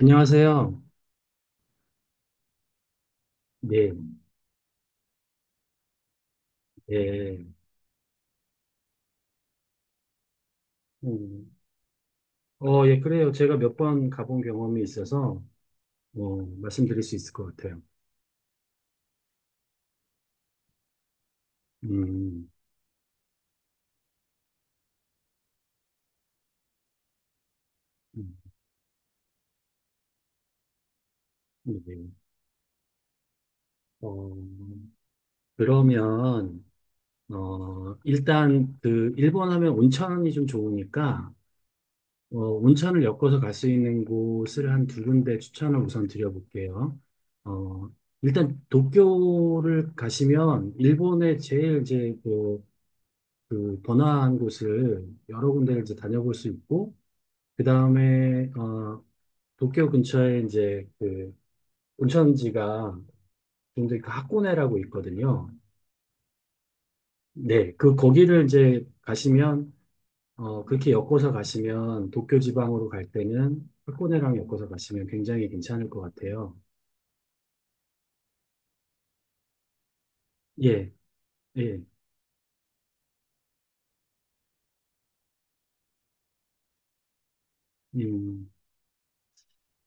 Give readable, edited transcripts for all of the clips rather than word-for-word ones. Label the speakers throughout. Speaker 1: 안녕하세요. 네, 예. 음, 예, 그래요. 제가 몇 번 가본 경험이 있어서, 말씀드릴 수 있을 것 같아요. 음, 음, 네. 어, 그러면, 일단, 그, 일본 하면 온천이 좀 좋으니까, 온천을 엮어서 갈 수 있는 곳을 한 두 군데 추천을 우선 드려볼게요. 어, 일단, 도쿄를 가시면, 일본의 제일 이제, 그 번화한 곳을 여러 군데를 이제 다녀볼 수 있고 그 다음에 도쿄 근처에 이제 그 온천지가 굉장히 그 하코네라고 있거든요. 네, 그 거기를 이제 가시면 그렇게 엮어서 가시면 도쿄 지방으로 갈 때는 하코네랑 엮어서 가시면 굉장히 괜찮을 것 같아요. 예, 예, 음.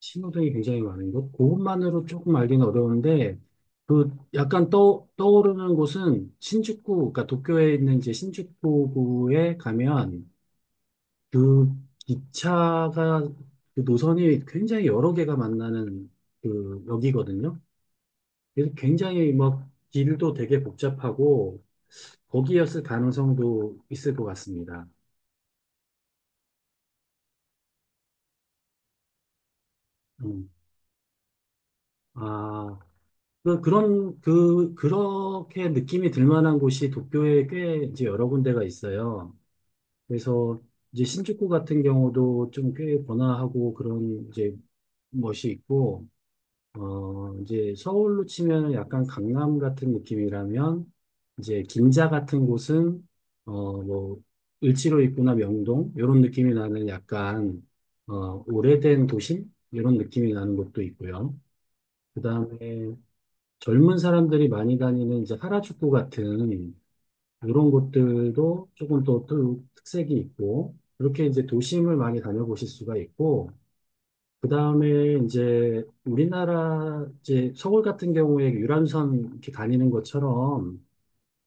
Speaker 1: 신호등이 굉장히 많은 곳. 그것만으로 조금 알기는 어려운데, 그 약간 떠오르는 곳은 신주쿠, 그러니까 도쿄에 있는 이제 신주쿠구에 가면 그 기차가 그 노선이 굉장히 여러 개가 만나는 그 역이거든요. 그래서 굉장히 막 길도 되게 복잡하고 거기였을 가능성도 있을 것 같습니다. 음. 아, 그렇게 느낌이 들 만한 곳이 도쿄에 꽤 이제 여러 군데가 있어요. 그래서 이제 신주쿠 같은 경우도 좀 꽤 번화하고 그런 이제 멋이 있고, 이제 서울로 치면 약간 강남 같은 느낌이라면, 이제 긴자 같은 곳은, 뭐, 을지로 있구나 명동, 이런 느낌이 나는 약간, 오래된 도심? 이런 느낌이 나는 곳도 있고요. 그 다음에 젊은 사람들이 많이 다니는 이제 하라주쿠 같은 이런 곳들도 조금 더 또 특색이 있고, 이렇게 이제 도심을 많이 다녀보실 수가 있고, 그 다음에 이제 우리나라 이제 서울 같은 경우에 그 유람선 이렇게 다니는 것처럼,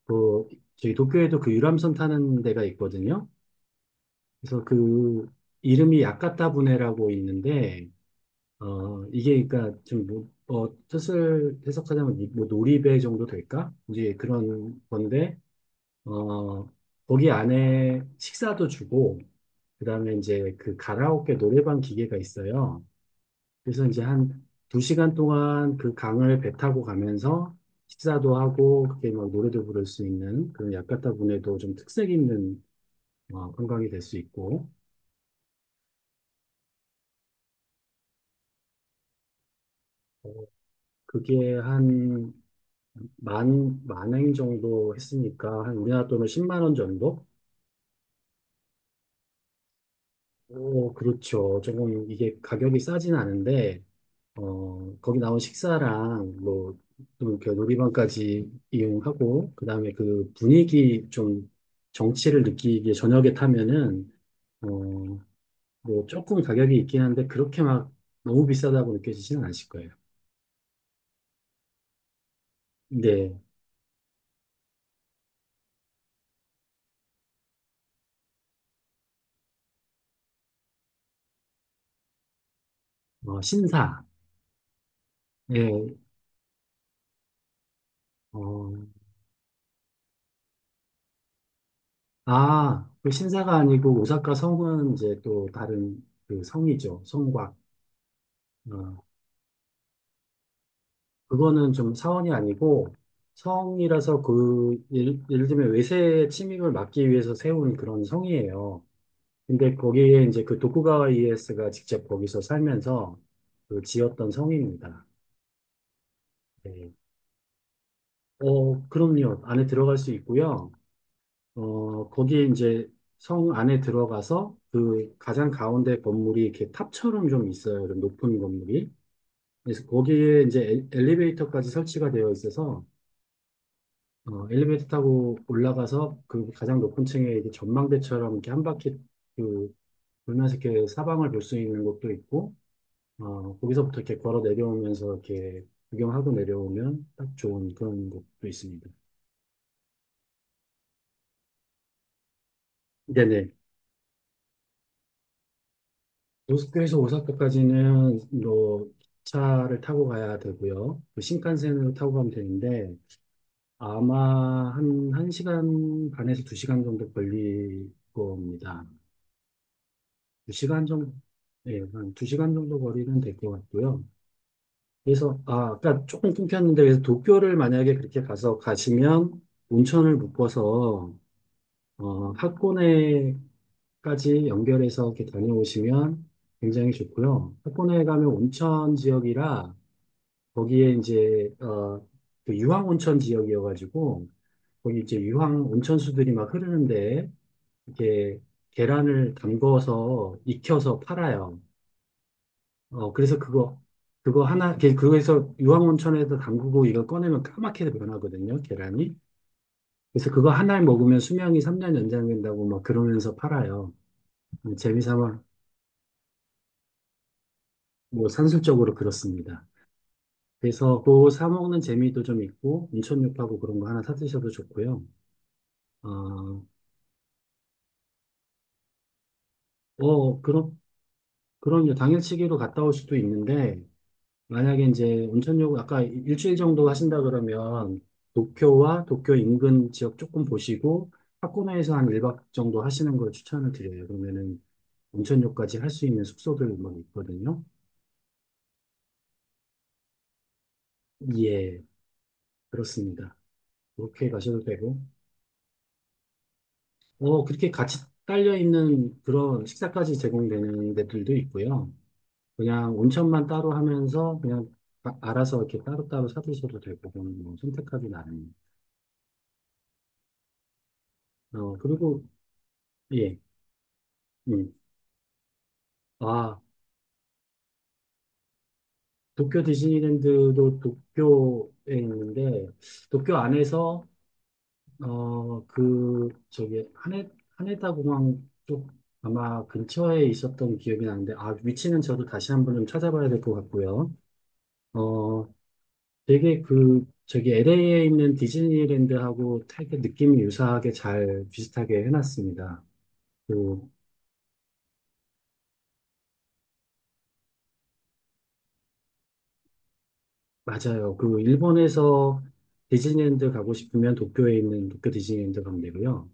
Speaker 1: 그 저희 도쿄에도 그 유람선 타는 데가 있거든요. 그래서 그 이름이 야카타부네라고 있는데, 이게 그러니까 좀 뭐, 뜻을 해석하자면 뭐 놀이배 정도 될까? 이제 그런 건데 어, 거기 안에 식사도 주고 그다음에 이제 그 가라오케 노래방 기계가 있어요. 그래서 이제 한 2시간 동안 그 강을 배 타고 가면서 식사도 하고 그게 막 노래도 부를 수 있는 그런 야카타 분에도 좀 특색 있는 관광이 될 수 있고. 어, 그게 한 만행 정도 했으니까 한 우리나라 돈으로 10만 원 정도? 오, 그렇죠. 조금 이게 가격이 싸진 않은데, 거기 나온 식사랑 뭐, 또 이렇게 놀이방까지 이용하고, 그 다음에 그 분위기 좀 정취를 느끼기에 저녁에 타면은, 어, 뭐 조금 가격이 있긴 한데, 그렇게 막 너무 비싸다고 느껴지지는 않으실 거예요. 근데, 신사, 예, 어, 아, 그 신사가 아니고 오사카 성은 이제 또 다른 그 성이죠. 성곽. 어, 그거는 좀 사원이 아니고 성이라서 그 예를 들면 외세의 침입을 막기 위해서 세운 그런 성이에요. 근데 거기에 이제 그 도쿠가와 이에스가 직접 거기서 살면서 그 지었던 성입니다. 네. 그럼요. 안에 들어갈 수 있고요. 거기에 이제 성 안에 들어가서 그 가장 가운데 건물이 이렇게 탑처럼 좀 있어요. 좀 높은 건물이. 그래서 거기에 이제 엘리베이터까지 설치가 되어 있어서 엘리베이터 타고 올라가서 그 가장 높은 층에 이렇게 전망대처럼 이렇게 한 바퀴 그 돌면서 이렇게 사방을 볼 수 있는 곳도 있고 거기서부터 이렇게 걸어 내려오면서 이렇게 구경하고 내려오면 딱 좋은 그런 곳도 있습니다. 네네. 모스크에서 오사카까지는 뭐 기차를 타고 가야 되고요. 그 신칸센으로 타고 가면 되는데 아마 한 1시간 반에서 2시간 정도 걸릴 겁니다. 2시간 정도, 예, 한 2시간 정도 거리는 될 것 같고요. 그래서 아까 조금 끊겼는데 그래서 도쿄를 만약에 그렇게 가서 가시면 온천을 묶어서 학고네까지 연결해서 이렇게 다녀오시면 굉장히 좋고요. 학고네에 가면 온천 지역이라 거기에 이제 그 유황 온천 지역이어가지고 거기 이제 유황 온천수들이 막 흐르는데 이렇게 계란을 담궈서 익혀서 팔아요. 그래서 그거 하나 그거에서 유황 온천에서 담그고 이걸 꺼내면 까맣게 변하거든요, 계란이. 그래서 그거 하나를 먹으면 수명이 3년 연장된다고 막 그러면서 팔아요. 재미삼아 뭐 산술적으로 그렇습니다. 그래서 그 사 먹는 재미도 좀 있고 온천육하고 그런 거 하나 사 드셔도 좋고요. 어, 어, 그럼, 그럼요. 당일치기로 갔다 올 수도 있는데, 만약에 이제 온천요 아까 일주일 정도 하신다 그러면, 도쿄와 도쿄 인근 지역 조금 보시고, 홋카이도에서 한 1박 정도 하시는 걸 추천을 드려요. 그러면은 온천요까지 할 수 있는 숙소들 막 있거든요. 예, 그렇습니다. 그렇게 가셔도 되고, 그렇게 같이 딸려 있는 그런 식사까지 제공되는 데들도 있고요. 그냥 온천만 따로 하면서 그냥 알아서 이렇게 따로따로 사드셔도 되고, 그건 뭐 선택하기 나름. 그리고, 예, 음. 아, 도쿄 디즈니랜드도 도쿄에 있는데, 도쿄 안에서, 그, 저기, 하네다 공항 쪽 아마 근처에 있었던 기억이 나는데, 아, 위치는 저도 다시 한번 좀 찾아봐야 될 것 같고요. 어, 되게 그 저기 LA에 있는 디즈니랜드하고 되게 느낌이 유사하게 잘 비슷하게 해놨습니다. 그 맞아요. 그 일본에서 디즈니랜드 가고 싶으면 도쿄에 있는 도쿄 디즈니랜드 가면 되고요.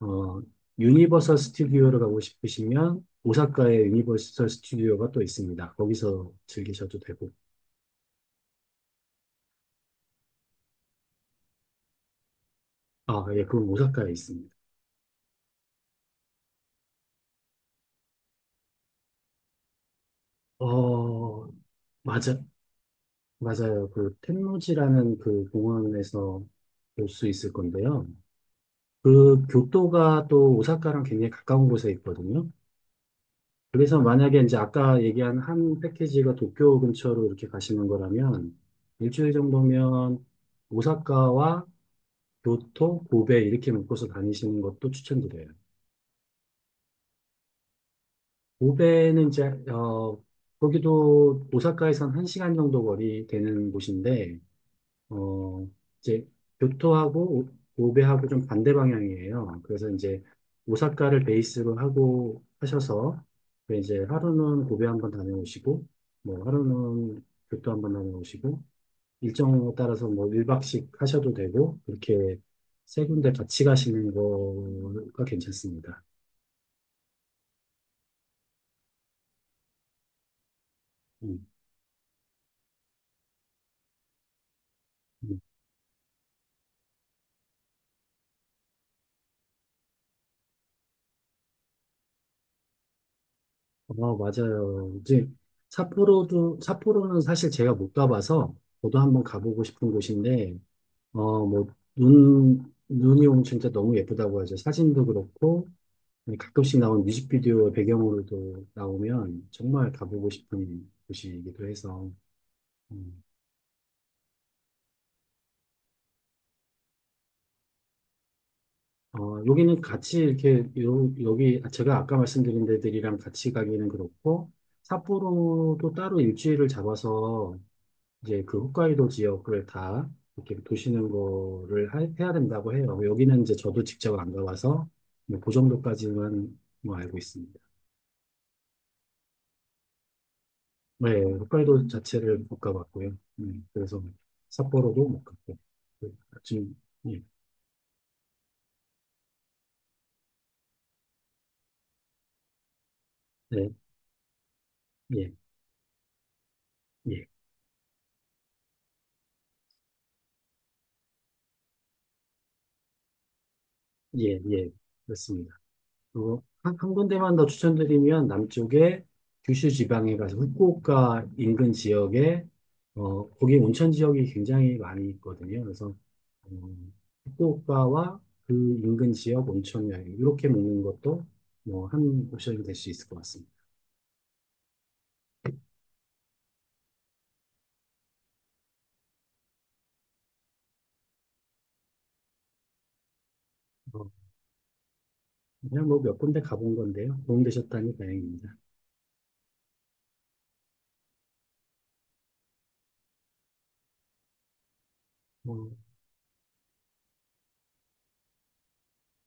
Speaker 1: 어 유니버설 스튜디오를 가고 싶으시면 오사카에 유니버설 스튜디오가 또 있습니다. 거기서 즐기셔도 되고. 아, 예, 그건 오사카에 있습니다. 어, 맞아, 맞아요. 그 텐노지라는 그 공원에서 볼 수 있을 건데요. 그 교토가 또 오사카랑 굉장히 가까운 곳에 있거든요. 그래서 만약에 이제 아까 얘기한 한 패키지가 도쿄 근처로 이렇게 가시는 거라면 일주일 정도면 오사카와 교토, 고베 이렇게 묶어서 다니시는 것도 추천드려요. 고베는 이제 거기도 오사카에선 1시간 정도 거리 되는 곳인데 어, 이제 교토하고 오베하고 좀 반대 방향이에요. 그래서 이제 오사카를 베이스로 하고 하셔서 그 이제 하루는 고베 한번 다녀오시고 뭐 하루는 교토 한번 다녀오시고 일정에 따라서 뭐 1박씩 하셔도 되고 그렇게 3군데 같이 가시는 거가 괜찮습니다. 음, 음. 맞아요. 이제 삿포로도 삿포로는 사실 제가 못 가봐서 저도 한번 가보고 싶은 곳인데 뭐, 눈이 오면 진짜 너무 예쁘다고 하죠. 사진도 그렇고, 가끔씩 나온 뮤직비디오 배경으로도 나오면 정말 가보고 싶은 곳이기도 해서. 음. 여기는 같이 이렇게, 여기, 아, 제가 아까 말씀드린 데들이랑 같이 가기는 그렇고, 삿포로도 따로 일주일을 잡아서 이제 그 홋카이도 지역을 다 이렇게 도시는 거를 해야 된다고 해요. 여기는 이제 저도 직접 안 가봐서 뭐그 정도까지만 뭐 알고 있습니다. 네, 홋카이도 자체를 못 가봤고요. 그래서 삿포로도 못 갔고. 그, 지금, 예, 네, 예, 예, 예, 예, 그렇습니다. 그리고 한 군데만 더 추천드리면 남쪽에 규슈 지방에 가서 후쿠오카 인근 지역에 거기 온천 지역이 굉장히 많이 있거든요. 그래서 음, 후쿠오카와 그 인근 지역 온천 여행 이렇게 먹는 것도 뭐 한 옵션이 될 수 있을 것 같습니다. 어, 그냥 뭐 몇 군데 가본 건데요. 도움되셨다니 다행입니다. 뭐,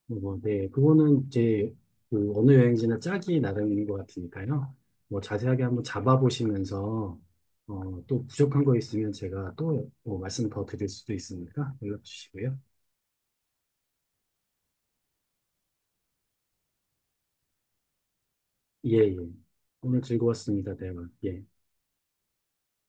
Speaker 1: 뭐, 뭐, 네. 그거는 이제 그 어느 여행지나 짝이 나름인 것 같으니까요. 뭐 자세하게 한번 잡아보시면서 또 부족한 거 있으면 제가 또뭐 말씀 더 드릴 수도 있으니까 연락 주시고요. 예, 예. 오늘 즐거웠습니다. 대화. 예.